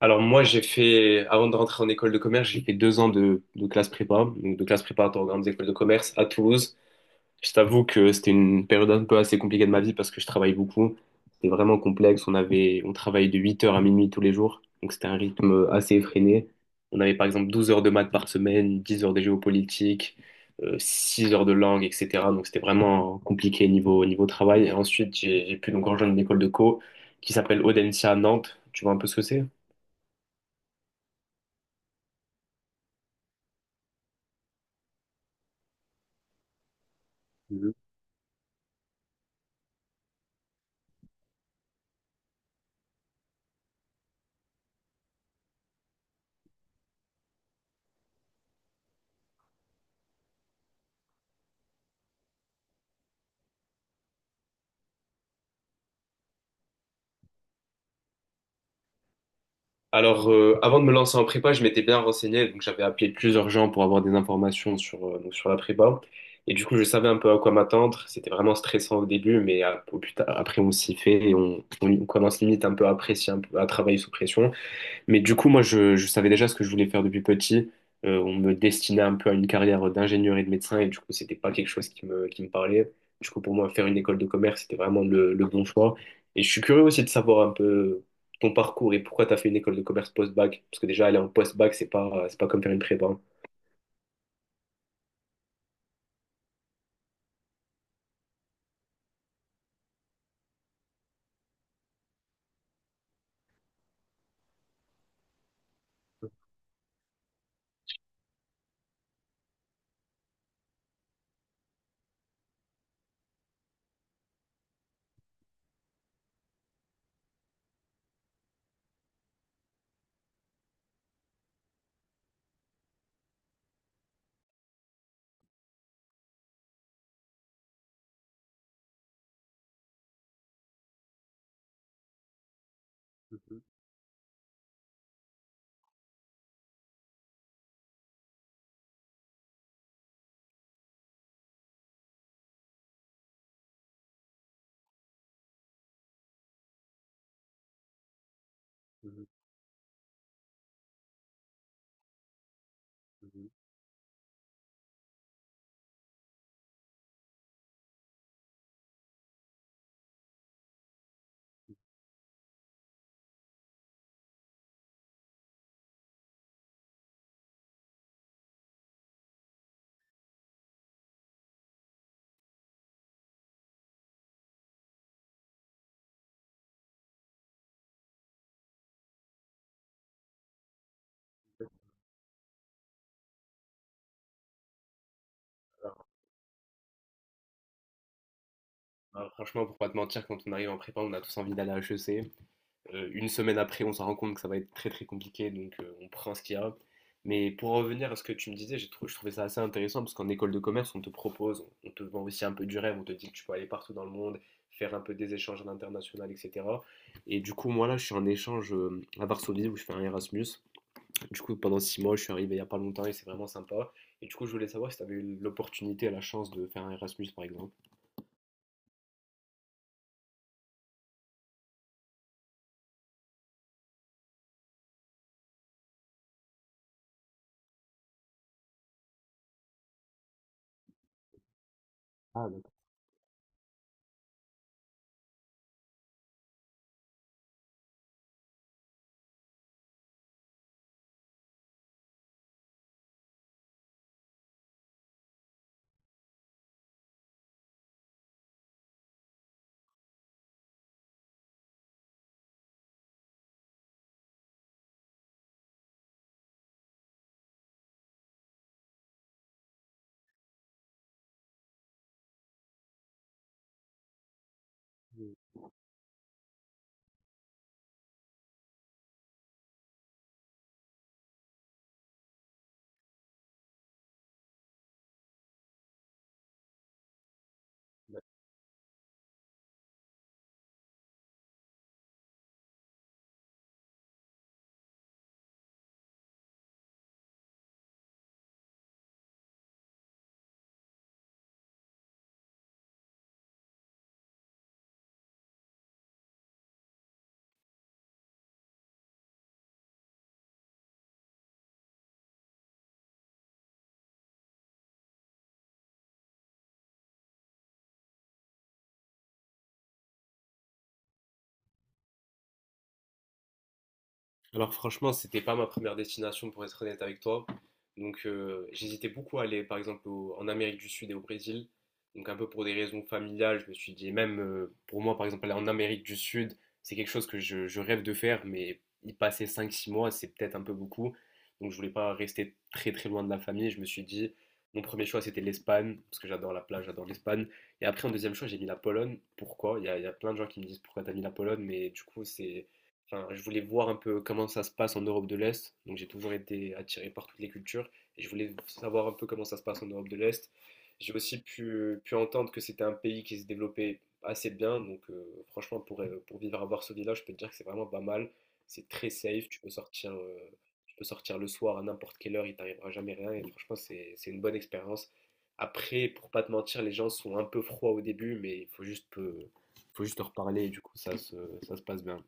Alors moi, j'ai fait, avant de rentrer en école de commerce, j'ai fait 2 ans de classe prépa, donc de classe préparatoire aux grandes écoles de commerce à Toulouse. Je t'avoue que c'était une période un peu assez compliquée de ma vie parce que je travaille beaucoup. C'était vraiment complexe. On travaillait de 8 heures à minuit tous les jours, donc c'était un rythme assez effréné. On avait par exemple 12 heures de maths par semaine, 10 heures de géopolitique, 6 heures de langue, etc. Donc c'était vraiment compliqué niveau travail. Et ensuite, j'ai pu donc rejoindre une école de co qui s'appelle Audencia à Nantes. Tu vois un peu ce que c'est? Alors, avant de me lancer en prépa, je m'étais bien renseigné, donc j'avais appelé plusieurs gens pour avoir des informations sur la prépa. Et du coup, je savais un peu à quoi m'attendre. C'était vraiment stressant au début, mais après, on s'y fait et on commence limite un peu à apprécier, un peu, à travailler sous pression. Mais du coup, moi, je savais déjà ce que je voulais faire depuis petit. On me destinait un peu à une carrière d'ingénieur et de médecin, et du coup, c'était pas quelque chose qui me parlait. Du coup, pour moi, faire une école de commerce, c'était vraiment le bon choix. Et je suis curieux aussi de savoir un peu ton parcours et pourquoi tu as fait une école de commerce post-bac. Parce que déjà, aller en post-bac, c'est pas comme faire une prépa. Mhm, mhm, mhm. Alors, bah, franchement, pour pas te mentir, quand on arrive en prépa, on a tous envie d'aller à HEC. Une semaine après, on se rend compte que ça va être très très compliqué, donc on prend ce qu'il y a. Mais pour revenir à ce que tu me disais, je trouvais ça assez intéressant parce qu'en école de commerce, on te propose, on te vend aussi un peu du rêve, on te dit que tu peux aller partout dans le monde, faire un peu des échanges à l'international, etc. Et du coup, moi là, je suis en échange à Varsovie où je fais un Erasmus. Du coup, pendant 6 mois, je suis arrivé il n'y a pas longtemps et c'est vraiment sympa. Et du coup, je voulais savoir si tu avais eu l'opportunité, la chance de faire un Erasmus par exemple. Ah, d'accord. Oui. Alors franchement, c'était pas ma première destination pour être honnête avec toi. Donc j'hésitais beaucoup à aller par exemple en Amérique du Sud et au Brésil. Donc un peu pour des raisons familiales, je me suis dit, et même pour moi par exemple aller en Amérique du Sud, c'est quelque chose que je rêve de faire, mais y passer 5, 6 mois, c'est peut-être un peu beaucoup. Donc je voulais pas rester très très loin de la famille. Je me suis dit, mon premier choix c'était l'Espagne, parce que j'adore la plage, j'adore l'Espagne. Et après en deuxième choix, j'ai mis la Pologne. Pourquoi? Il y a plein de gens qui me disent pourquoi t'as mis la Pologne, mais du coup c'est enfin, je voulais voir un peu comment ça se passe en Europe de l'Est. Donc j'ai toujours été attiré par toutes les cultures et je voulais savoir un peu comment ça se passe en Europe de l'Est. J'ai aussi pu entendre que c'était un pays qui se développait assez bien. Donc franchement, pour vivre à Varsovie-là, je peux te dire que c'est vraiment pas mal. C'est très safe, tu peux sortir le soir à n'importe quelle heure, il t'arrivera jamais rien. Et franchement, c'est une bonne expérience. Après, pour pas te mentir, les gens sont un peu froids au début, mais il faut juste leur parler et du coup, ça se passe bien.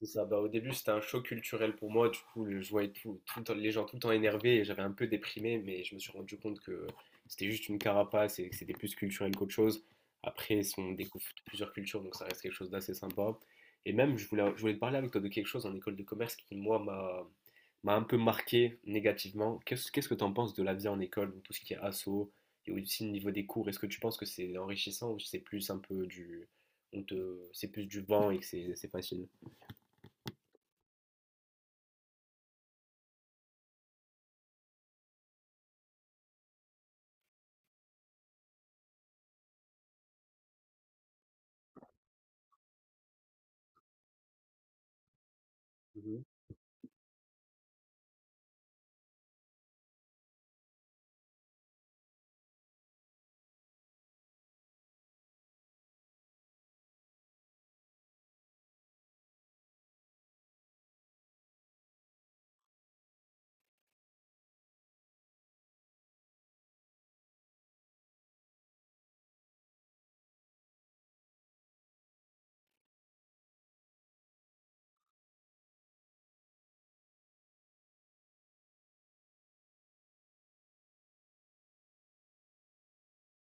C'est ça. Bah, au début, c'était un choc culturel pour moi. Du coup, je voyais les gens tout le temps énervés et j'avais un peu déprimé, mais je me suis rendu compte que c'était juste une carapace et que c'était plus culturel qu'autre chose. Après, si on découvre plusieurs cultures, donc ça reste quelque chose d'assez sympa. Et même, je voulais te parler avec toi de quelque chose en école de commerce qui, moi, m'a un peu marqué négativement. Qu'est-ce que tu en penses de la vie en école, donc tout ce qui est asso et aussi le niveau des cours? Est-ce que tu penses que c'est enrichissant ou c'est plus un peu c'est plus du vent et que c'est facile?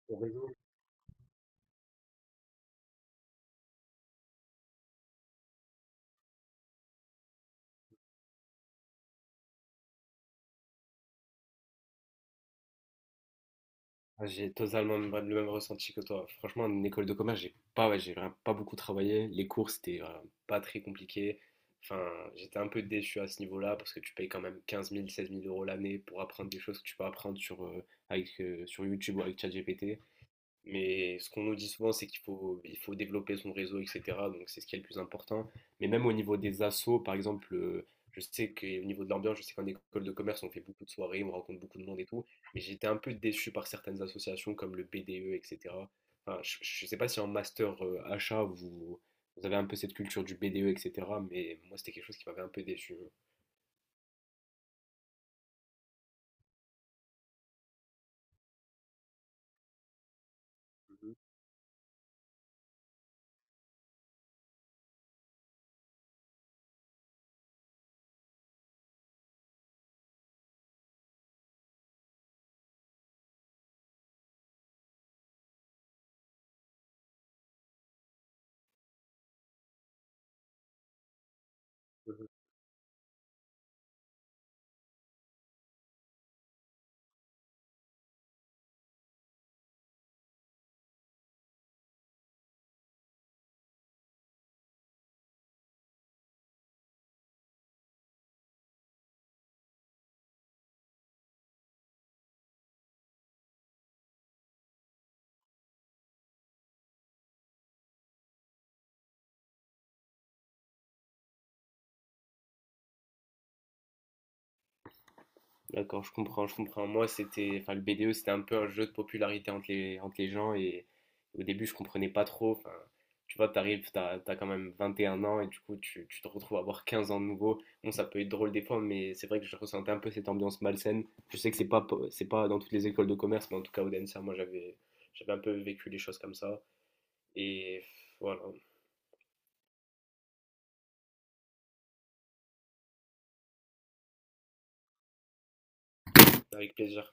T'as raison. Ah, j'ai totalement le même ressenti que toi. Franchement, en école de commerce, j'ai pas, ouais, j'ai vraiment pas beaucoup travaillé. Les cours, c'était pas très compliqué. Enfin, j'étais un peu déçu à ce niveau-là parce que tu payes quand même 15 000, 16 000 euros l'année pour apprendre des choses que tu peux apprendre sur YouTube ou avec ChatGPT. Mais ce qu'on nous dit souvent, c'est qu'il faut développer son réseau, etc. Donc c'est ce qui est le plus important. Mais même au niveau des assos, par exemple, je sais qu'au niveau de l'ambiance, je sais qu'en école de commerce, on fait beaucoup de soirées, on rencontre beaucoup de monde et tout. Mais j'étais un peu déçu par certaines associations comme le BDE, etc. Enfin, je ne sais pas si en master achat, vous, vous avez un peu cette culture du BDE, etc. Mais moi, c'était quelque chose qui m'avait un peu déçu. Mhm, mhm. D'accord, je comprends, je comprends. Moi, c'était, enfin, le BDE, c'était un peu un jeu de popularité entre les gens et au début, je comprenais pas trop. Enfin, tu vois, t'arrives, t'as quand même 21 ans et du coup, tu te retrouves à avoir 15 ans de nouveau. Bon, ça peut être drôle des fois, mais c'est vrai que je ressentais un peu cette ambiance malsaine. Je sais que c'est pas dans toutes les écoles de commerce, mais en tout cas, au Densa, moi, j'avais un peu vécu les choses comme ça. Et voilà, avec plaisir.